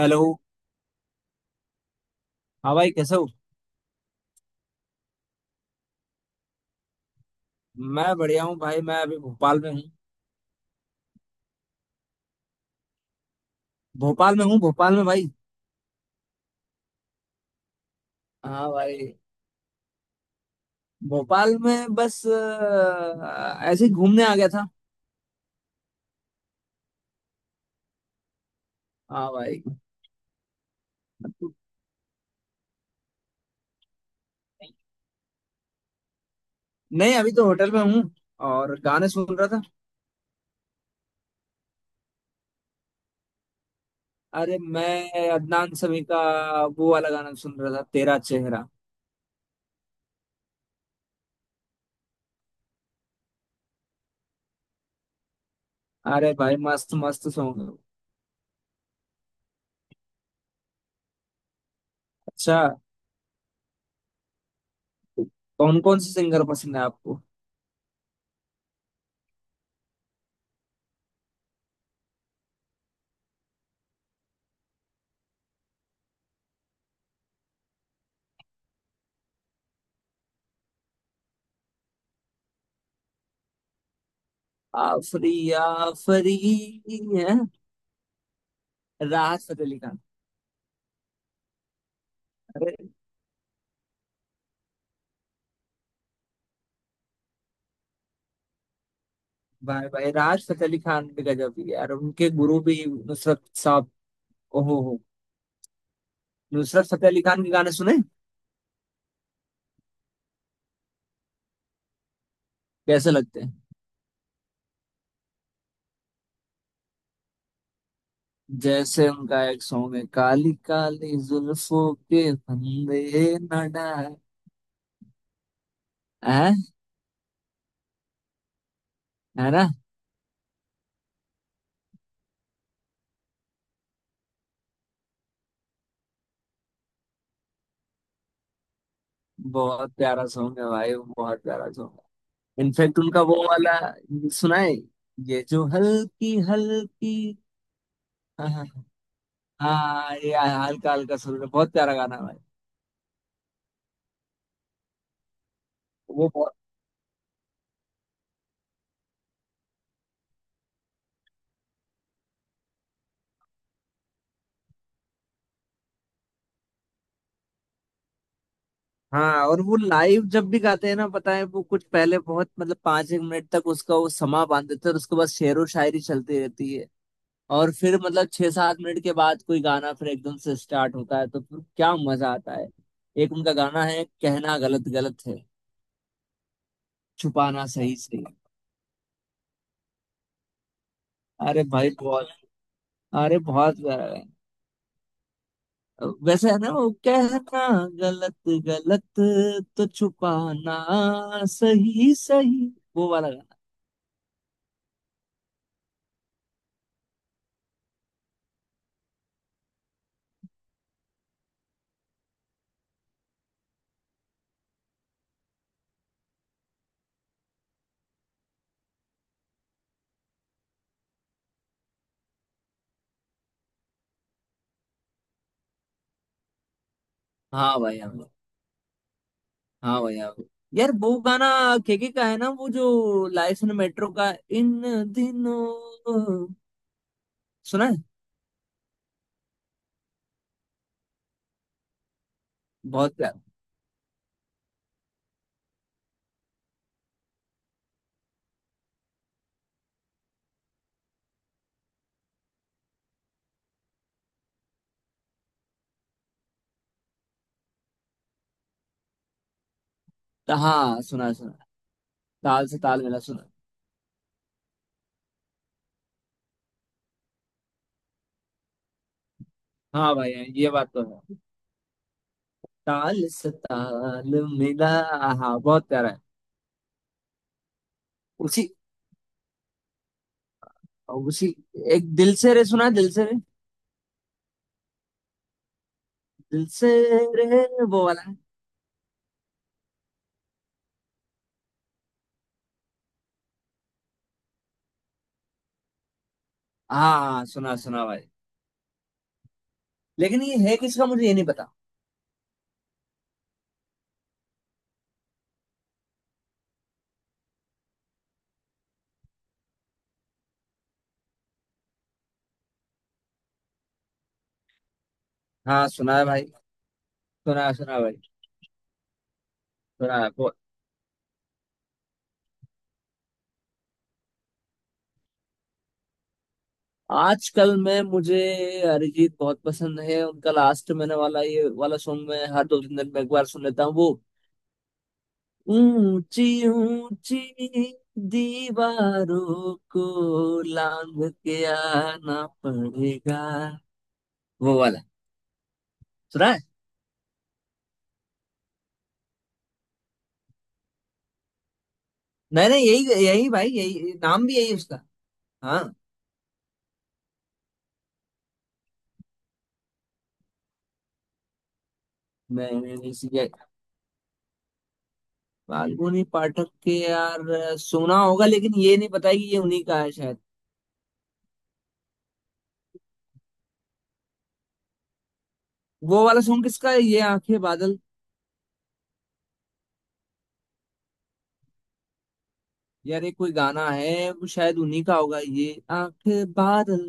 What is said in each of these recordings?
Hello. हाँ भाई, कैसे हो? मैं बढ़िया हूँ भाई, मैं अभी भोपाल में हूँ। भोपाल में हूँ, भोपाल में भाई। हाँ भाई, भोपाल में बस ऐसे ही घूमने आ गया था। हाँ भाई। नहीं, अभी तो होटल में हूँ और गाने सुन रहा था। अरे, मैं अदनान समी का वो वाला गाना सुन रहा था, तेरा चेहरा। अरे भाई, मस्त मस्त सॉन्ग। अच्छा। कौन कौन से सिंगर पसंद है आपको? आफरी, आफरी है। राहत फतेह अली खान। अरे भाई, भाई राज फतेह अली खान भी गजब ही है यार, उनके गुरु भी नुसरत साहब। ओहो हो। नुसरत फतेह अली खान के गाने सुने? कैसे लगते हैं? जैसे उनका एक सॉन्ग है, काली काली जुल्फों के फंदे न डाल। है। है ना? बहुत प्यारा सॉन्ग है भाई, बहुत प्यारा सॉन्ग है। इनफेक्ट उनका वो वाला सुना है, ये जो हल्की हल्की। हाँ हाँ, हाँ, ये हल्का हल्का सुन रहे, बहुत प्यारा गाना है भाई। वो हाँ, और वो लाइव जब भी गाते हैं ना, पता है वो कुछ पहले बहुत, मतलब 5 एक मिनट तक उसका वो समा बांध देते हैं और उसके बाद शेरो शायरी चलती रहती है। और फिर मतलब 6 7 मिनट के बाद कोई गाना फिर एकदम से स्टार्ट होता है, तो फिर क्या मजा आता है। एक उनका गाना है, कहना गलत गलत है, छुपाना सही सही। अरे भाई बहुत। अरे, बहुत प्यारा है। वैसे है ना वो, कहना गलत गलत, तो छुपाना सही सही, वो वाला गाना। हाँ भाई। हाँ, हाँ भैया। यार वो गाना केके का है ना, वो जो लाइसन मेट्रो का, इन दिनों सुना है? बहुत प्यारा। हाँ सुना है, सुना है। ताल से ताल मिला सुना है। हाँ भैया, ये बात तो है। ताल से ताल मिला। हाँ, बहुत प्यारा है। उसी उसी एक दिल से रे सुना है? दिल से रे, दिल से रे, वो वाला है। हाँ हाँ, सुना सुना भाई। लेकिन ये है किसका, मुझे ये नहीं पता। हाँ सुना है भाई, सुना सुना भाई। सुना है। आजकल में मुझे अरिजीत बहुत पसंद है, उनका लास्ट मैंने वाला ये वाला सॉन्ग मैं हर 2 3 दिन में एक बार सुन लेता हूँ, वो ऊंची ऊंची दीवारों को लांघ के आना पड़ेगा, वो वाला सुना है? नहीं नहीं, यही यही भाई, यही नाम भी यही उसका। हाँ। मैंने इसी के, फाल्गुनी पाठक के यार सुना होगा, लेकिन ये नहीं पता है कि ये उन्हीं का है शायद। वो वाला सॉन्ग किसका है, ये आंखें बादल। यार ये कोई गाना है, वो शायद उन्हीं का होगा, ये आंखें बादल,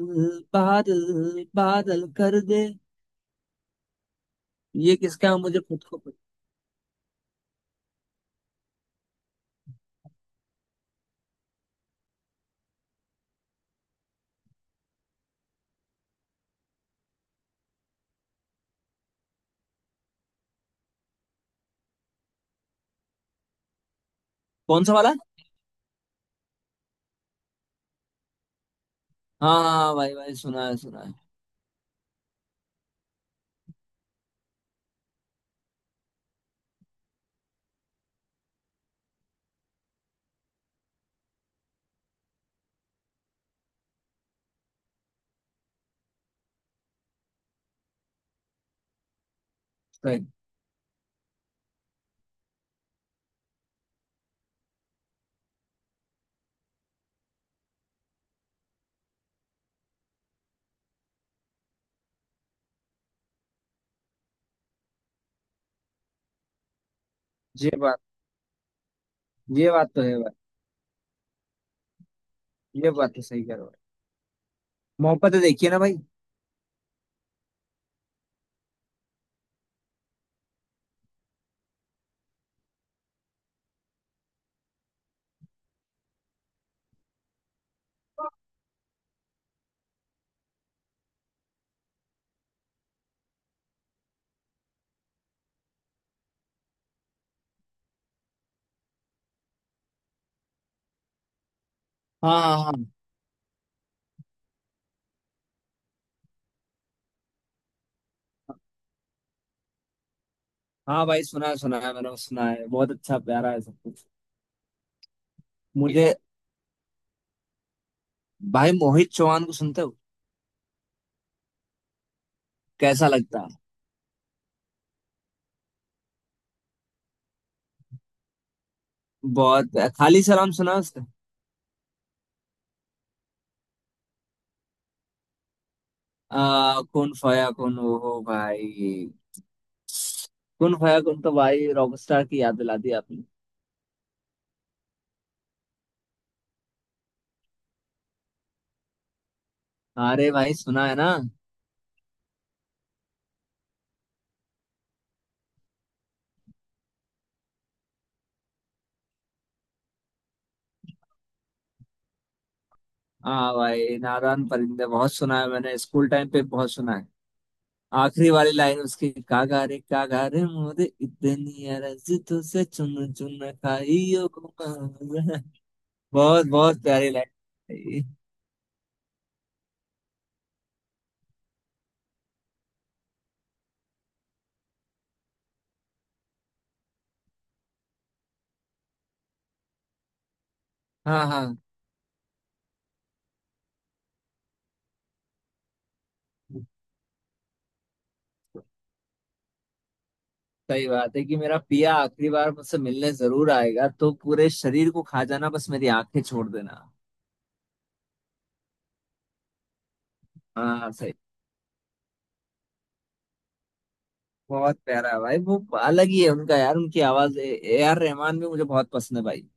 बादल, बादल कर दे। ये किसका है, मुझे खुद को पता- कौन सा वाला? हाँ हाँ हाँ, भाई भाई, सुना है सुना है। सही। ये बात, ये बात तो है भाई। ये बात तो सही कह रहे हो। मोहब्बत है, देखिए ना भाई। हाँ हाँ हाँ। हाँ भाई, सुना है सुना है, मैंने सुना है, बहुत अच्छा प्यारा है सब कुछ। मुझे, भाई मोहित चौहान को सुनते हो? कैसा लगता है? बहुत। खाली सलाम सुना है उसका? आ, कौन फाया कौन, वो हो भाई, कौन खोया कौन, तो भाई रॉकस्टार की याद दिला दी आपने। अरे भाई सुना है ना। हाँ भाई, नादान परिंदे बहुत सुना है मैंने, स्कूल टाइम पे बहुत सुना है। आखिरी वाली लाइन उसकी, कागा रे मोरे, इतनी अरज तुझसे, चुन चुन खाइयो को मार। बहुत बहुत प्यारी लाइन। हाँ हाँ, सही बात है कि मेरा पिया आखिरी बार मुझसे मिलने जरूर आएगा, तो पूरे शरीर को खा जाना, बस मेरी आंखें छोड़ देना। हाँ सही। बहुत प्यारा है भाई, वो अलग ही है उनका यार, उनकी आवाज। A R रहमान भी मुझे बहुत पसंद है भाई।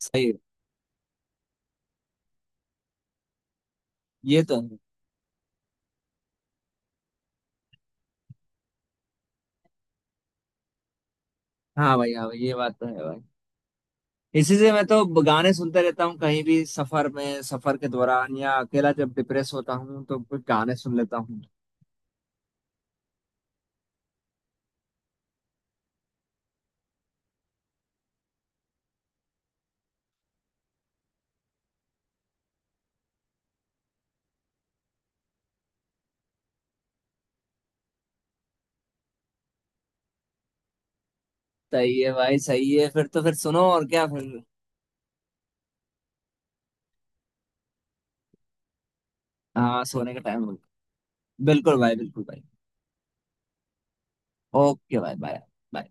सही है। ये तो है। हाँ भाई, हाँ भाई, ये बात तो है भाई। इसी से मैं तो गाने सुनते रहता हूँ, कहीं भी सफर में, सफर के दौरान या अकेला जब डिप्रेस होता हूँ तो कुछ गाने सुन लेता हूँ। सही है भाई, सही है, फिर तो फिर सुनो और क्या फिर। हाँ सोने का टाइम हो गया। बिल्कुल भाई, बिल्कुल भाई। ओके भाई, बाय। बाय।